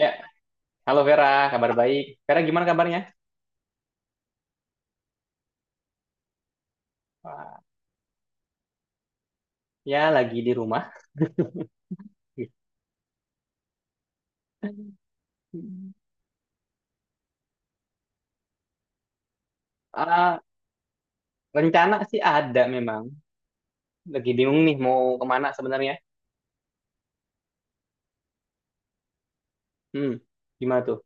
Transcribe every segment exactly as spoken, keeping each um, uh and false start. Ya, halo Vera, kabar baik. Vera gimana kabarnya? Wah, ya, lagi di rumah. Ah, rencana sih ada memang. Lagi bingung nih mau kemana sebenarnya. Hmm, gimana tuh?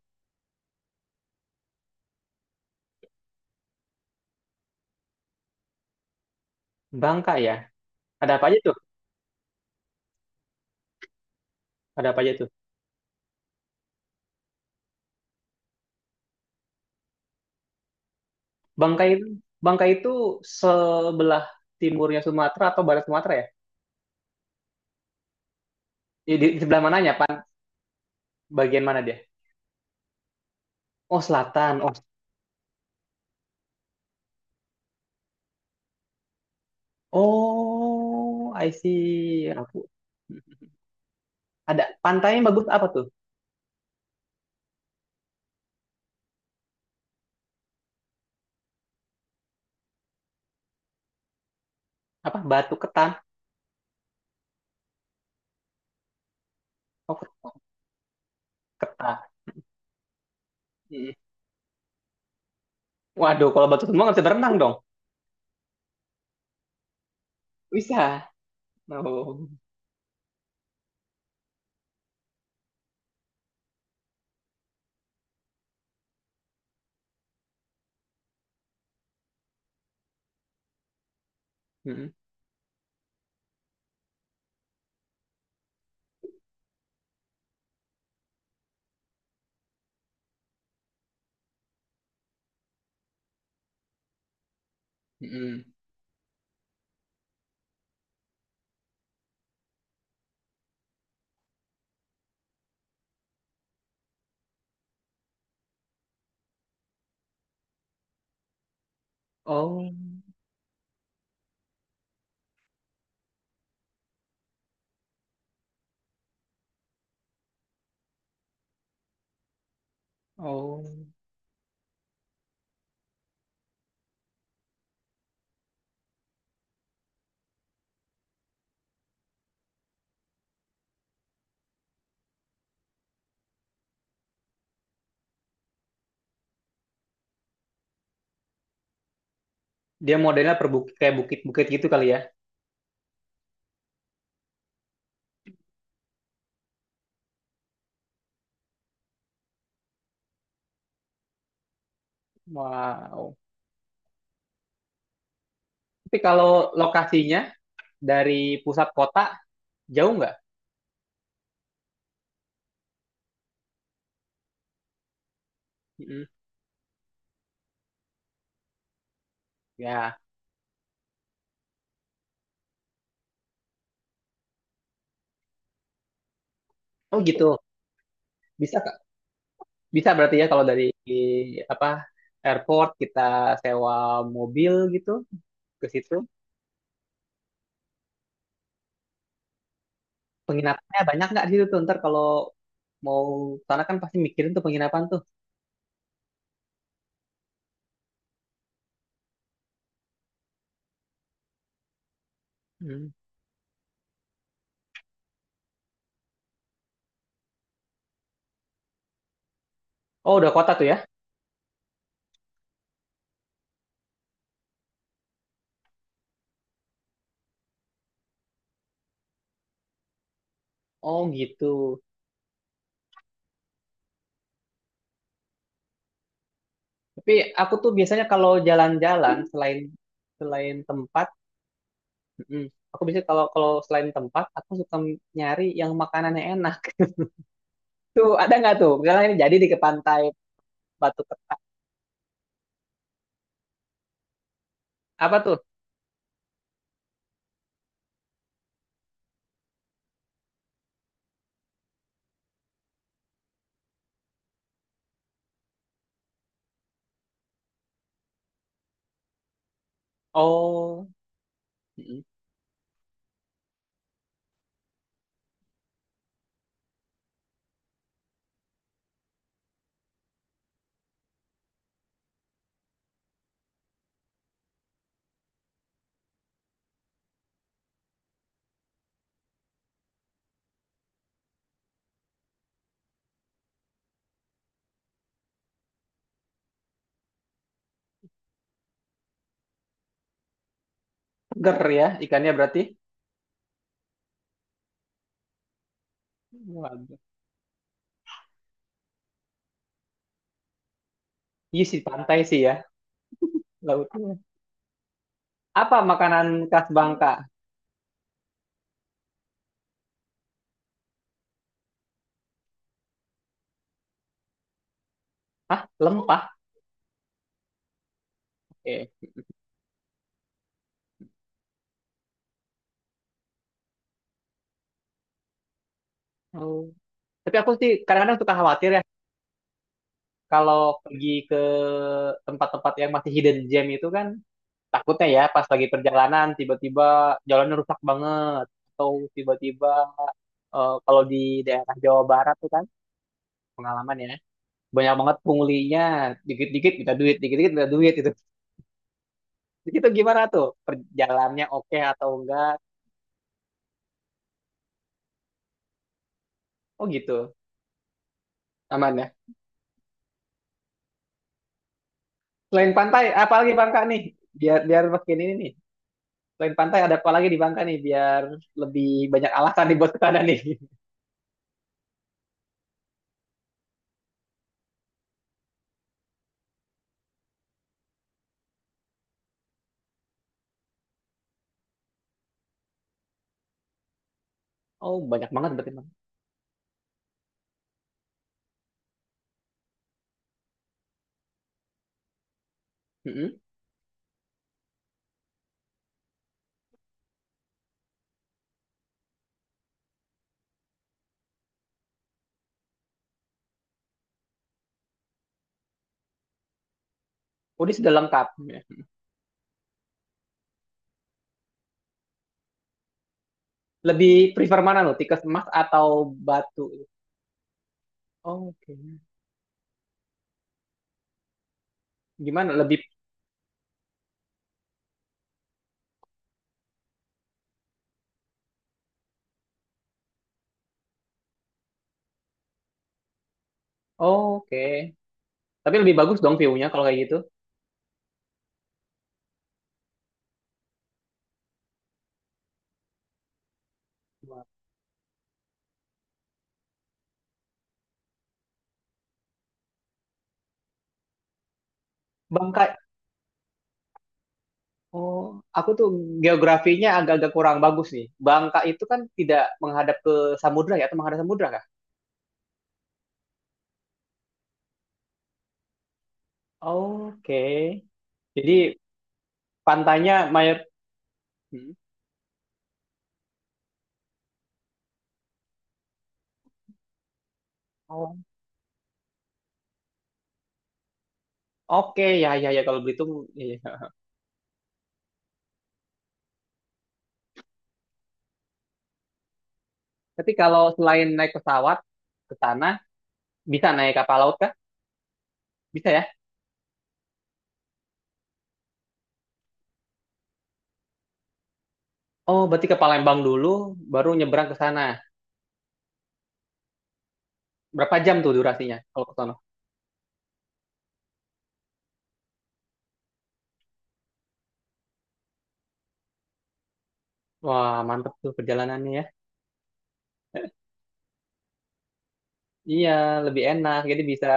Bangka ya? Ada apa aja tuh? Ada apa aja tuh? Bangka itu, Bangka itu sebelah timurnya Sumatera atau barat Sumatera ya? Di, di di sebelah mananya, Pan? Bagian mana dia? Oh, selatan. Oh, oh, I see. Aku hmm. Ada pantainya bagus apa tuh? Apa? Batu Ketan. Oh, Ketan. Mm. Waduh, kalau batu semua nggak bisa berenang dong. Bisa. Oh. Mm. Mm. Oh. Oh. Dia modelnya per bukit, kayak bukit-bukit gitu kali ya. Wow. Tapi kalau lokasinya dari pusat kota jauh nggak? Mm. Ya. Oh gitu. Bisa Kak. Bisa berarti ya kalau dari apa airport kita sewa mobil gitu ke situ. Penginapannya banyak nggak di situ tuh? Ntar kalau mau sana kan pasti mikirin tuh penginapan tuh. Mm. Oh udah kota tuh ya? Oh gitu. Tapi aku tuh biasanya kalau jalan-jalan selain selain tempat, mm, aku biasanya kalau kalau selain tempat aku suka nyari yang makanannya enak. Tuh ada nggak tuh? Misalnya ini jadi di ke pantai Batu Keta. Apa tuh? Oh, mm, seger ya ikannya berarti. Waduh. Iya sih pantai sih ya lautnya. Apa makanan khas Bangka? Hah, lempah. Oke. Oh. Tapi aku sih kadang-kadang suka khawatir ya kalau pergi ke tempat-tempat yang masih hidden gem itu kan takutnya ya pas lagi perjalanan tiba-tiba jalannya rusak banget atau tiba-tiba eh, kalau di daerah Jawa Barat tuh kan pengalaman ya banyak banget punglinya dikit-dikit minta duit dikit-dikit minta duit itu itu gimana tuh perjalannya oke atau enggak. Oh gitu, aman ya. Selain pantai apalagi Bangka nih biar biar makin ini nih, selain pantai ada apa lagi di Bangka nih biar lebih banyak alasan nih buat kesana nih. Oh, banyak banget berarti Bang. Mm-mm. Udah sudah lengkap ya. Lebih prefer mana lo, tikus emas atau batu? Oh, oke. Gimana? Lebih oh, oke. Tapi lebih bagus dong view-nya kalau kayak gitu. Bangka. Oh, aku tuh geografinya agak-agak kurang bagus nih. Bangka itu kan tidak menghadap ke samudra ya, atau menghadap samudra kah? Oke. Jadi pantainya mayor. Hmm. Oh. Oke, ya ya ya kalau Belitung. Ya, ya. Tapi kalau selain naik pesawat ke sana, bisa naik kapal laut kah? Bisa ya? Oh, berarti ke Palembang dulu, baru nyebrang ke sana. Berapa jam tuh durasinya kalau ke sana? Wah, mantep tuh perjalanannya ya. Iya, lebih enak. Jadi bisa,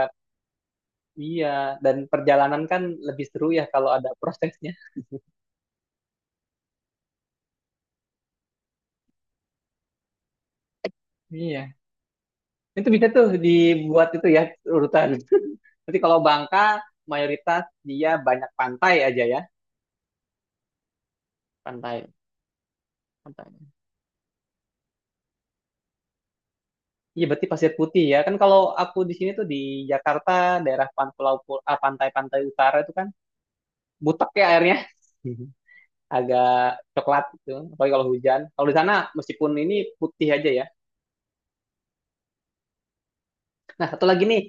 iya. Dan perjalanan kan lebih seru ya kalau ada prosesnya. Iya. Itu bisa tuh dibuat itu ya urutan. Nanti kalau Bangka, mayoritas dia banyak pantai aja ya. Pantai. Pantai. Iya, berarti Pasir Putih ya. Kan kalau aku di sini tuh di Jakarta, daerah pan- pulau- pul- ah, pantai-pantai utara itu kan butek ya airnya. Agak coklat gitu. Apalagi kalau hujan. Kalau di sana meskipun ini putih aja ya. Nah, satu lagi nih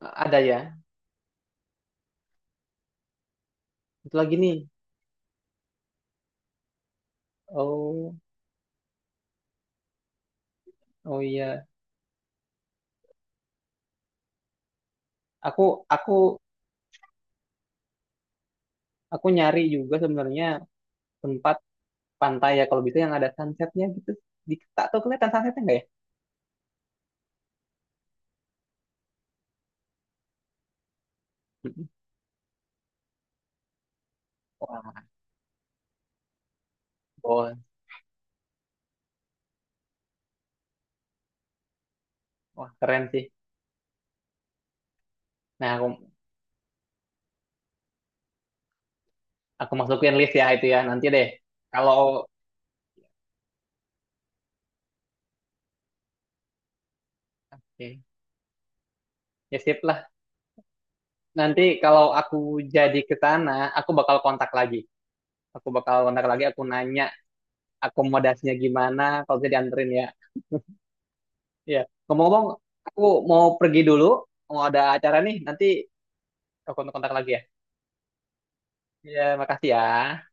ada ya. Satu lagi nih. Oh, oh iya. Aku aku aku nyari juga sebenarnya tempat pantai ya kalau bisa yang ada sunsetnya gitu. Di, tak tahu kelihatan sunsetnya nggak ya? Mm-mm. Wah, oh, wah keren sih. Nah, aku aku masukin list ya itu ya nanti deh. Kalau oke, ya sip lah. Nanti kalau aku jadi ke sana, aku bakal kontak lagi. Aku bakal kontak lagi, aku nanya akomodasinya gimana kalau bisa dianterin ya. Ya, ngomong-ngomong, aku mau pergi dulu, mau ada acara nih, nanti aku kontak-kontak lagi ya. Ya, makasih ya.